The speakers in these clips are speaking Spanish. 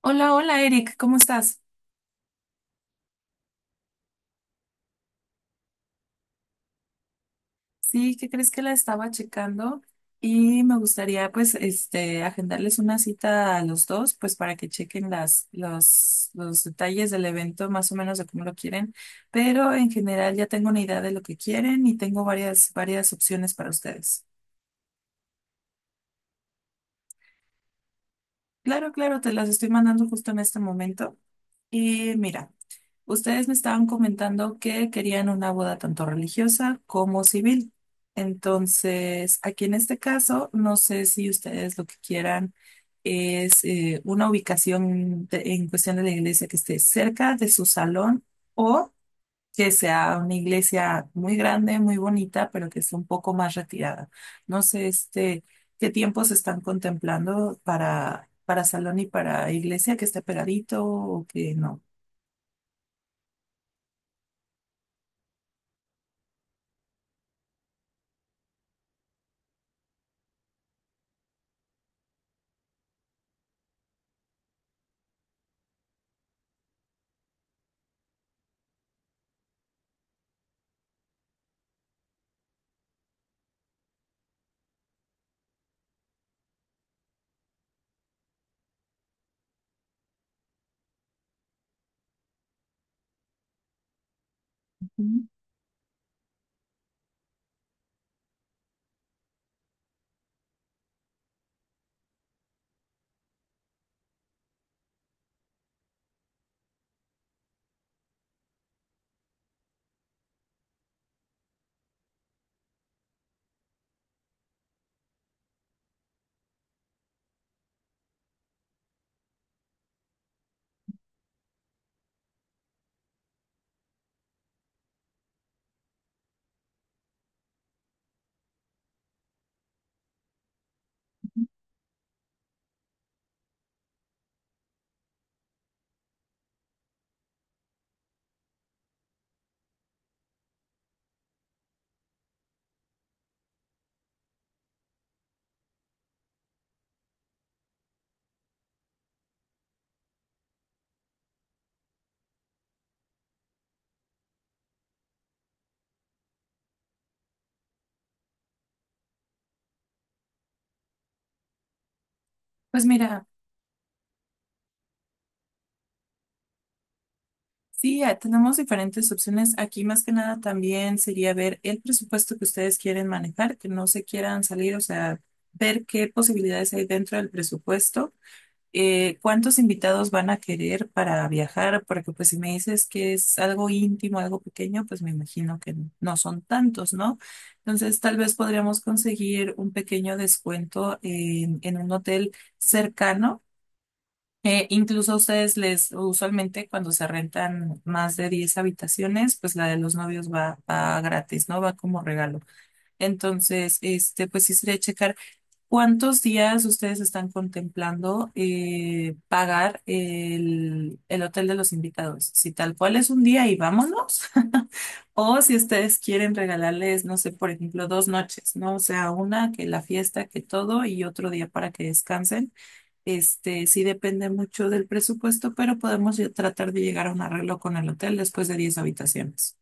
Hola, hola Eric, ¿cómo estás? Sí, ¿qué crees que la estaba checando? Y me gustaría pues agendarles una cita a los dos pues para que chequen los detalles del evento más o menos de cómo lo quieren, pero en general ya tengo una idea de lo que quieren y tengo varias opciones para ustedes. Claro, claro, te las estoy mandando justo en este momento. Y mira, ustedes me estaban comentando que querían una boda tanto religiosa como civil. Entonces, aquí en este caso, no sé si ustedes lo que quieran es una ubicación en cuestión de la iglesia que esté cerca de su salón o que sea una iglesia muy grande, muy bonita, pero que esté un poco más retirada. No sé, qué tiempos están contemplando para salón y para iglesia, que esté pegadito o que no. Ujú. Pues mira, sí, tenemos diferentes opciones. Aquí más que nada también sería ver el presupuesto que ustedes quieren manejar, que no se quieran salir, o sea, ver qué posibilidades hay dentro del presupuesto ¿cuántos invitados van a querer para viajar? Porque pues si me dices que es algo íntimo, algo pequeño, pues me imagino que no son tantos, ¿no? Entonces tal vez podríamos conseguir un pequeño descuento en un hotel cercano. Incluso a ustedes usualmente cuando se rentan más de 10 habitaciones, pues la de los novios va gratis, ¿no? Va como regalo. Entonces, pues sí sería checar. ¿Cuántos días ustedes están contemplando pagar el hotel de los invitados? Si tal cual es un día y vámonos, o si ustedes quieren regalarles, no sé, por ejemplo, 2 noches, ¿no? O sea, una que la fiesta, que todo, y otro día para que descansen. Sí depende mucho del presupuesto, pero podemos ya tratar de llegar a un arreglo con el hotel después de 10 habitaciones.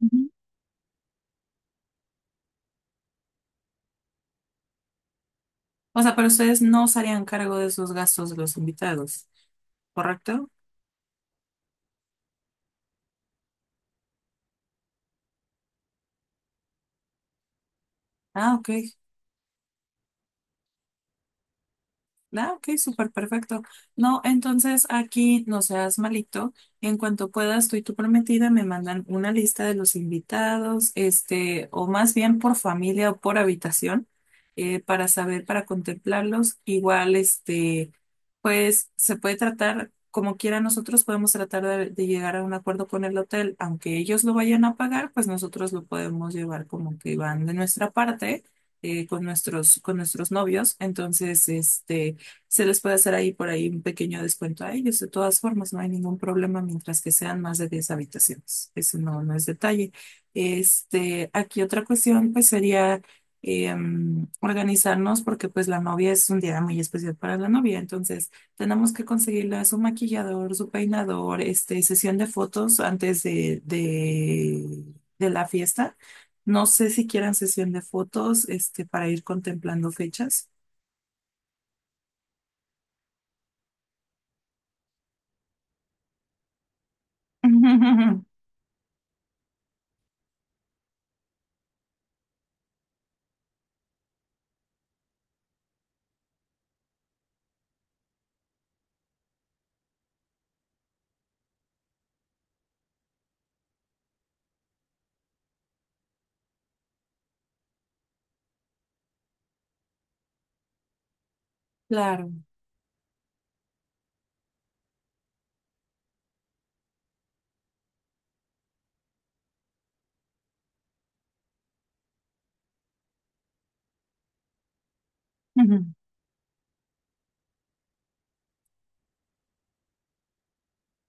Ujú. O sea, pero ustedes no se harían cargo de esos gastos de los invitados, ¿correcto? Ah, ok. Ah, ok, súper perfecto. No, entonces aquí no seas malito. En cuanto puedas, tú y tu prometida me mandan una lista de los invitados, o más bien por familia o por habitación, para saber, para contemplarlos. Igual, pues se puede tratar, como quiera, nosotros podemos tratar de llegar a un acuerdo con el hotel, aunque ellos lo vayan a pagar, pues nosotros lo podemos llevar como que van de nuestra parte. Con nuestros novios. Entonces, se les puede hacer ahí por ahí un pequeño descuento a ellos. De todas formas, no hay ningún problema mientras que sean más de 10 habitaciones. Eso no es detalle. Aquí otra cuestión pues sería organizarnos porque pues la novia es un día muy especial para la novia. Entonces, tenemos que conseguirle su maquillador, su peinador, sesión de fotos antes de la fiesta. No sé si quieran sesión de fotos, para ir contemplando fechas. Claro. Ujú.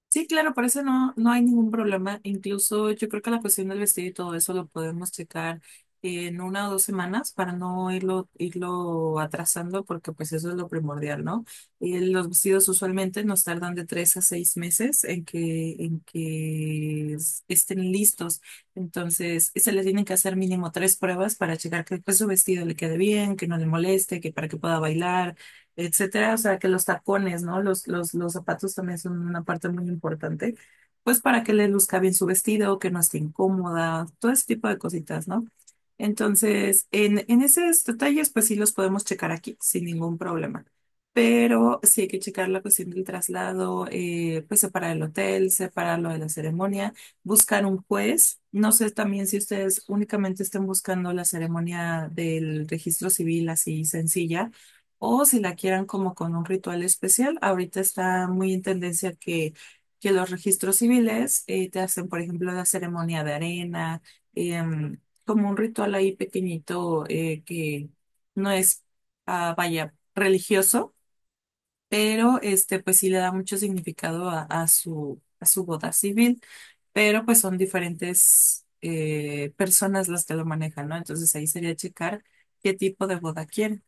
Sí, claro, por eso no hay ningún problema. Incluso yo creo que la cuestión del vestido y todo eso lo podemos checar en una o 2 semanas para no irlo atrasando, porque pues eso es lo primordial, ¿no? Los vestidos usualmente nos tardan de 3 a 6 meses en que estén listos. Entonces, se le tienen que hacer mínimo tres pruebas para checar que pues, su vestido le quede bien, que no le moleste, que para que pueda bailar etcétera. O sea, que los tacones, ¿no? Los zapatos también son una parte muy importante, pues para que le luzca bien su vestido, que no esté incómoda, todo ese tipo de cositas, ¿no? Entonces, en esos detalles, pues sí los podemos checar aquí sin ningún problema. Pero sí hay que checar la cuestión del traslado, pues separar el hotel, separar lo de la ceremonia, buscar un juez. No sé también si ustedes únicamente estén buscando la ceremonia del registro civil así sencilla o si la quieran como con un ritual especial, ahorita está muy en tendencia que los registros civiles te hacen, por ejemplo, la ceremonia de arena, em, como un ritual ahí pequeñito que no es, ah, vaya, religioso, pero pues sí le da mucho significado a su boda civil, pero pues son diferentes personas las que lo manejan, ¿no? Entonces ahí sería checar qué tipo de boda quieren.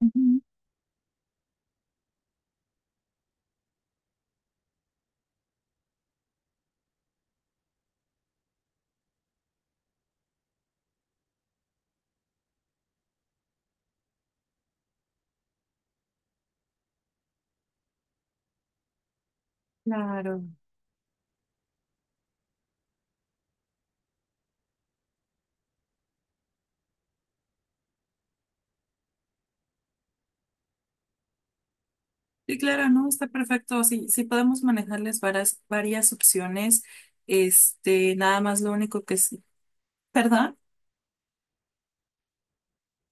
Ujú. Claro. Sí, claro, ¿no? Está perfecto. Sí, sí podemos manejarles varias opciones. Nada más lo único que sí. ¿Perdón?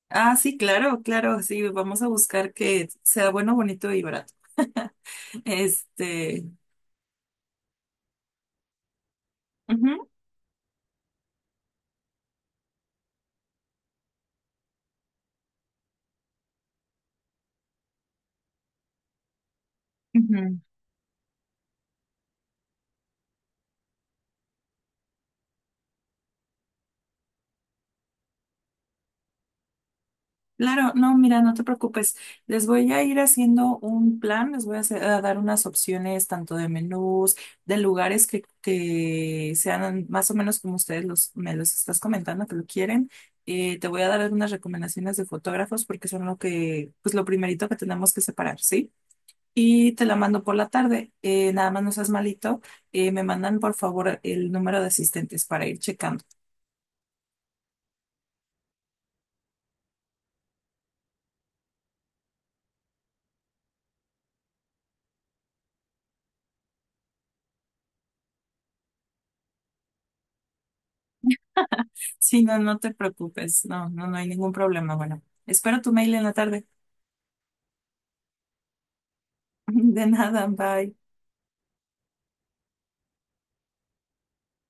Ah, sí, claro, claro. Sí, vamos a buscar que sea bueno, bonito y barato. Este. Ujú, ujú. Claro, no, mira, no te preocupes. Les voy a ir haciendo un plan, les voy a dar unas opciones tanto de menús, de lugares que sean más o menos como ustedes me los estás comentando que lo quieren. Te voy a dar algunas recomendaciones de fotógrafos porque son lo que, pues lo primerito que tenemos que separar, ¿sí? Y te la mando por la tarde. Nada más no seas malito. Me mandan por favor el número de asistentes para ir checando. Sí, no, no te preocupes. No, no, no hay ningún problema. Bueno, espero tu mail en la tarde. De nada, bye.